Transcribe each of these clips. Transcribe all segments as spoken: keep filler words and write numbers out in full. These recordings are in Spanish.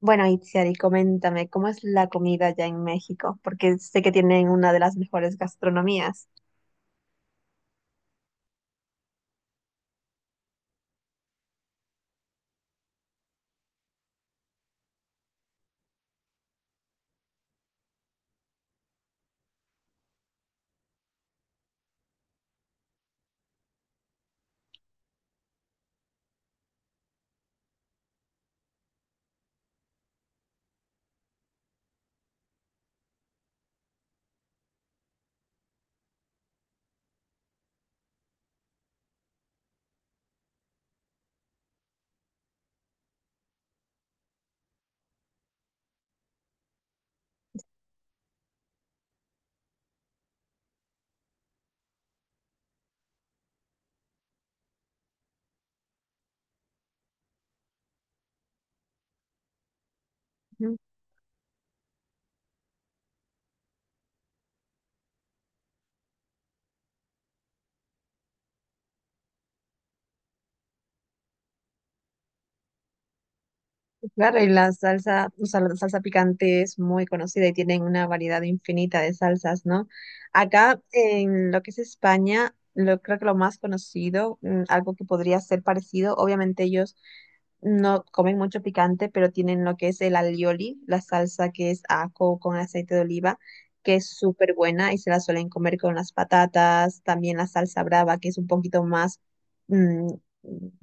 Bueno, Itziar, y coméntame, ¿cómo es la comida allá en México? Porque sé que tienen una de las mejores gastronomías. Ujú, pues Claro, y la salsa, o sea, la salsa picante es muy conocida y tienen una variedad infinita de salsas, ¿no? Acá en lo que es España, lo, creo que lo más conocido, mm, algo que podría ser parecido, obviamente ellos no comen mucho picante, pero tienen lo que es el alioli, la salsa que es ajo con aceite de oliva, que es súper buena y se la suelen comer con las patatas, también la salsa brava, que es un poquito más mm,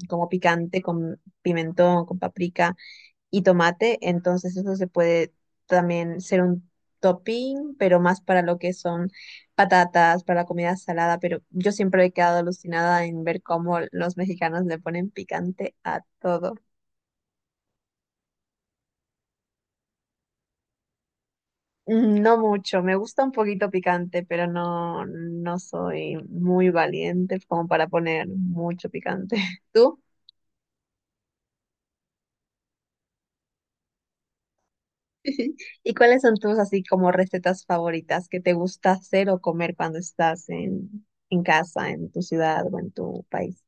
como picante, con pimentón, con paprika y tomate, entonces eso se puede también ser un topping, pero más para lo que son patatas, para la comida salada, pero yo siempre he quedado alucinada en ver cómo los mexicanos le ponen picante a todo. Mm, No mucho, me gusta un poquito picante, pero no, no soy muy valiente como para poner mucho picante. ¿Tú? ¿Y cuáles son tus así como recetas favoritas que te gusta hacer o comer cuando estás en, en casa, en tu ciudad o en tu país?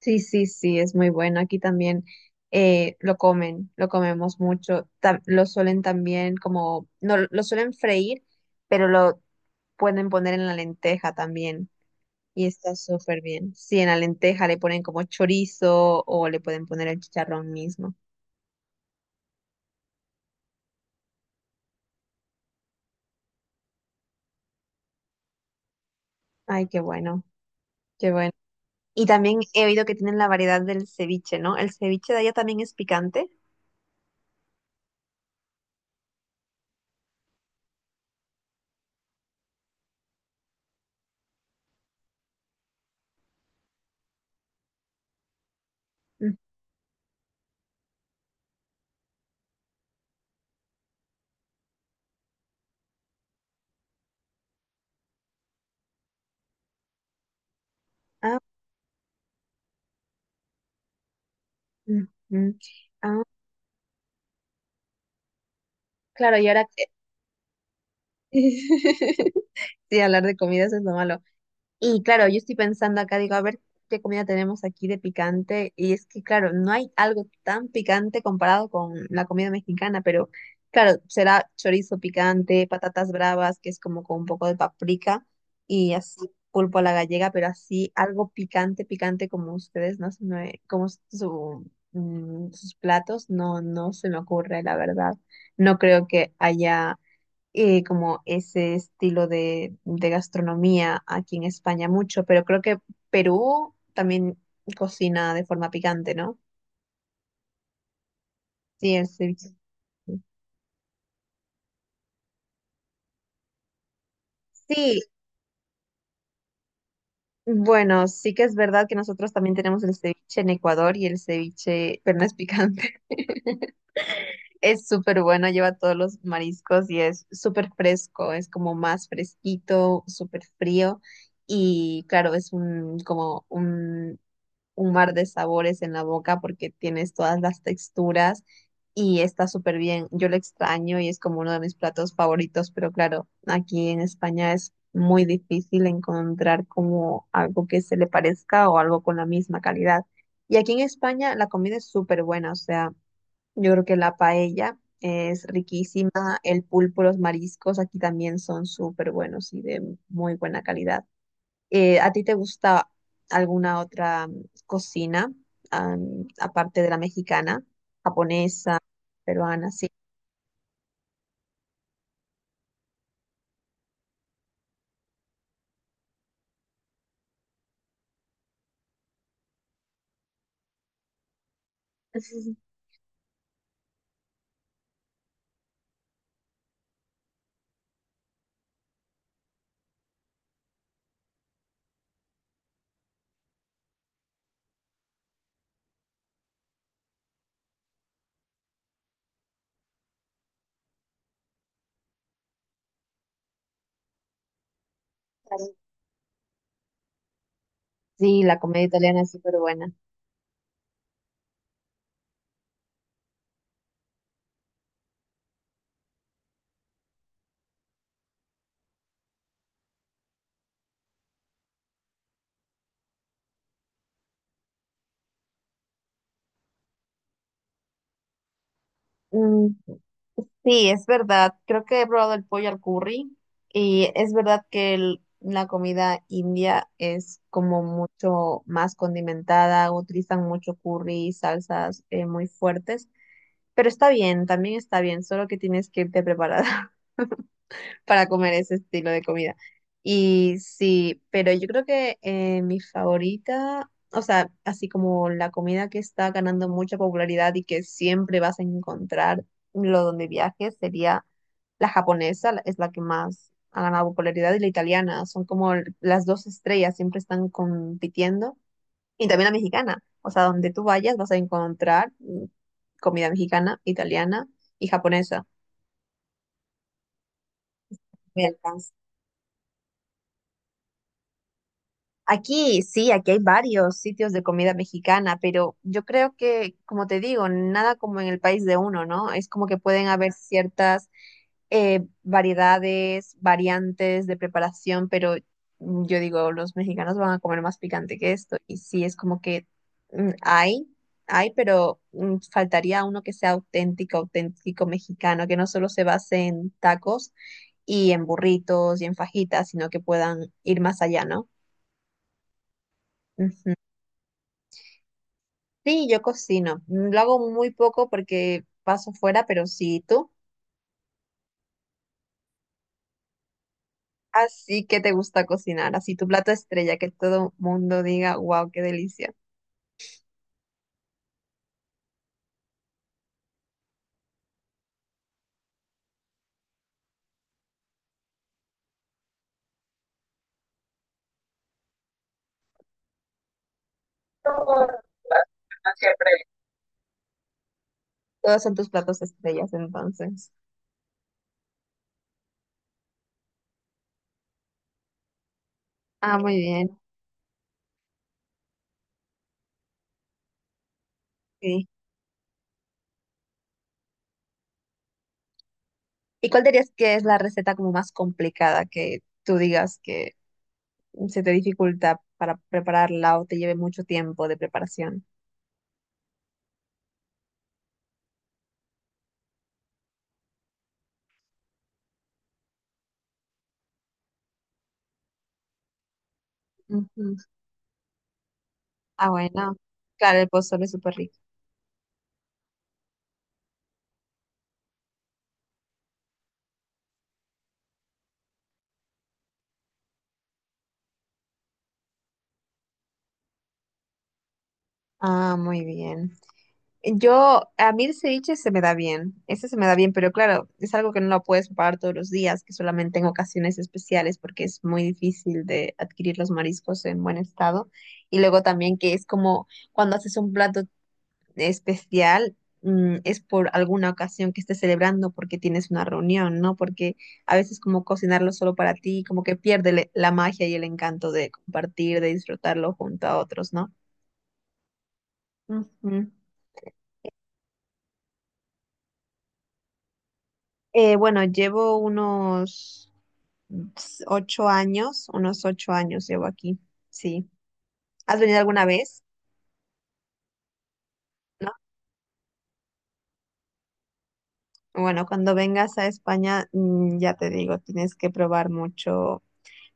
Sí, sí, sí, es muy bueno. Aquí también eh, lo comen, lo comemos mucho. Tam- lo suelen también como, no, lo suelen freír, pero lo pueden poner en la lenteja también. Y está súper bien. Sí, en la lenteja le ponen como chorizo o le pueden poner el chicharrón mismo. Ay, qué bueno, qué bueno. Y también he oído que tienen la variedad del ceviche, ¿no? ¿El ceviche de allá también es picante? Mm, Ah, mm, mm. Ah, claro, y ahora sí, hablar de comidas es lo malo. Y claro, yo estoy pensando acá, digo, a ver qué comida tenemos aquí de picante. Y es que, claro, no hay algo tan picante comparado con la comida mexicana, pero claro, será chorizo picante, patatas bravas, que es como con un poco de paprika, y así pulpo a la gallega, pero así algo picante, picante como ustedes, no se me- como su, mm, sus platos, no, no se me ocurre, la verdad. No creo que haya eh, como ese estilo de, de gastronomía aquí en España mucho, pero creo que Perú también cocina de forma picante, ¿no? Sí, el ceviche. Sí, bueno, sí que es verdad que nosotros también tenemos el ceviche en Ecuador y el ceviche, pero no es picante. Es súper bueno, lleva todos los mariscos y es súper fresco, es como más fresquito, súper frío y claro, es un, como un un mar de sabores en la boca porque tienes todas las texturas y está súper bien. Yo lo extraño y es como uno de mis platos favoritos, pero claro, aquí en España es muy difícil encontrar como algo que se le parezca o algo con la misma calidad. Y aquí en España la comida es súper buena, o sea, yo creo que la paella es riquísima, el pulpo, los mariscos aquí también son súper buenos y de muy buena calidad. Eh, ¿a ti te gusta alguna otra mm, cocina, am, aparte de la mexicana, japonesa, peruana? Sí. Claro. Sí, la comida italiana es súper buena. Mm, sí, es verdad. Creo que he probado el pollo al curry y es verdad que el- la comida india es como mucho más condimentada, utilizan mucho curry, salsas eh, muy fuertes, pero está bien, también está bien, solo que tienes que irte preparada. Para comer ese estilo de comida. Y sí, pero yo creo que eh, mi favorita, o sea, así como la comida que está ganando mucha popularidad y que siempre vas a encontrar lo donde viajes, sería la japonesa, la- es la que más ha ganado popularidad, y la italiana, son como l- las dos estrellas, siempre están compitiendo. Y también la mexicana, o sea, donde tú vayas vas a encontrar mm, comida mexicana, italiana y japonesa. Me alcanza. Aquí sí, aquí hay varios sitios de comida mexicana, pero yo creo que, como te digo, nada como en el país de uno, ¿no? Es como que pueden haber ciertas eh, variedades, variantes de preparación, pero yo digo, los mexicanos van a comer más picante que esto. Y sí, es como que mm, hay, hay, pero mm, faltaría uno que sea auténtico, auténtico mexicano, que no solo se base en tacos y en burritos y en fajitas, sino que puedan ir más allá, ¿no? Ujú. Sí, yo cocino. mm, Lo hago muy poco porque paso fuera, pero sí, tú. Así que te gusta cocinar, así tu plato estrella, que todo mundo diga, wow, qué delicia. No siempre. Todos son tus platos estrellas, entonces. Ah, muy bien, sí. ¿Y cuál dirías que es la receta como más complicada que tú digas que se te dificulta para prepararla o te lleve mucho tiempo de preparación? Ujú. Ah, bueno. Claro, el pozole es súper rico. Ah, muy bien. Yo, a mí el ceviche se me da bien, ese se me da bien, pero claro, es algo que no lo puedes preparar todos los días, que solamente en ocasiones especiales, porque es muy difícil de adquirir los mariscos en buen estado. Y luego también que es como cuando haces un plato especial, mm, es por alguna ocasión que estés celebrando porque tienes una reunión, ¿no? Porque a veces como cocinarlo solo para ti, como que pierde le- la magia y el encanto de compartir, de disfrutarlo junto a otros, ¿no? Ujú. Eh, bueno, llevo unos... s- ocho años, unos ocho años llevo aquí, sí. ¿Has venido alguna vez? ¿No? Bueno, cuando vengas a España, mm, ya te digo, tienes que probar mucho.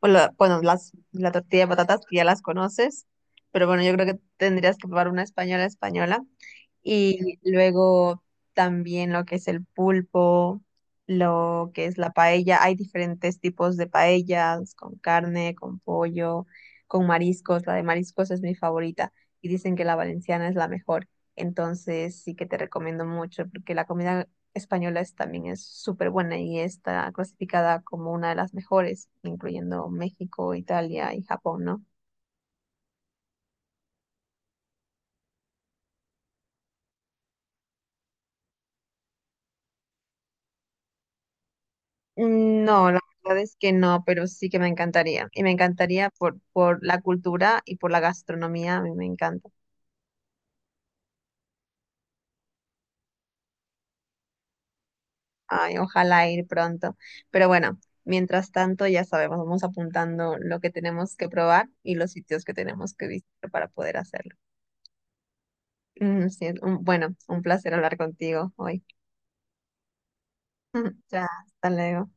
Bueno, la- bueno, las, la tortilla de patatas que ya las conoces, pero bueno, yo creo que tendrías que probar una española española. Y luego también lo que es el pulpo, lo que es la paella. Hay diferentes tipos de paellas, con carne, con pollo, con mariscos. La de mariscos es mi favorita y dicen que la valenciana es la mejor. Entonces sí que te recomiendo mucho porque la comida española es, también es súper buena y está clasificada como una de las mejores, incluyendo México, Italia y Japón, ¿no? Mm, No, la verdad es que no, pero sí que me encantaría. Y me encantaría por, por la cultura y por la gastronomía, a mí me encanta. Ay, ojalá ir pronto. Pero bueno, mientras tanto, ya sabemos, vamos apuntando lo que tenemos que probar y los sitios que tenemos que visitar para poder hacerlo. Mm, sí, un- bueno, un placer hablar contigo hoy. Ya, hasta luego.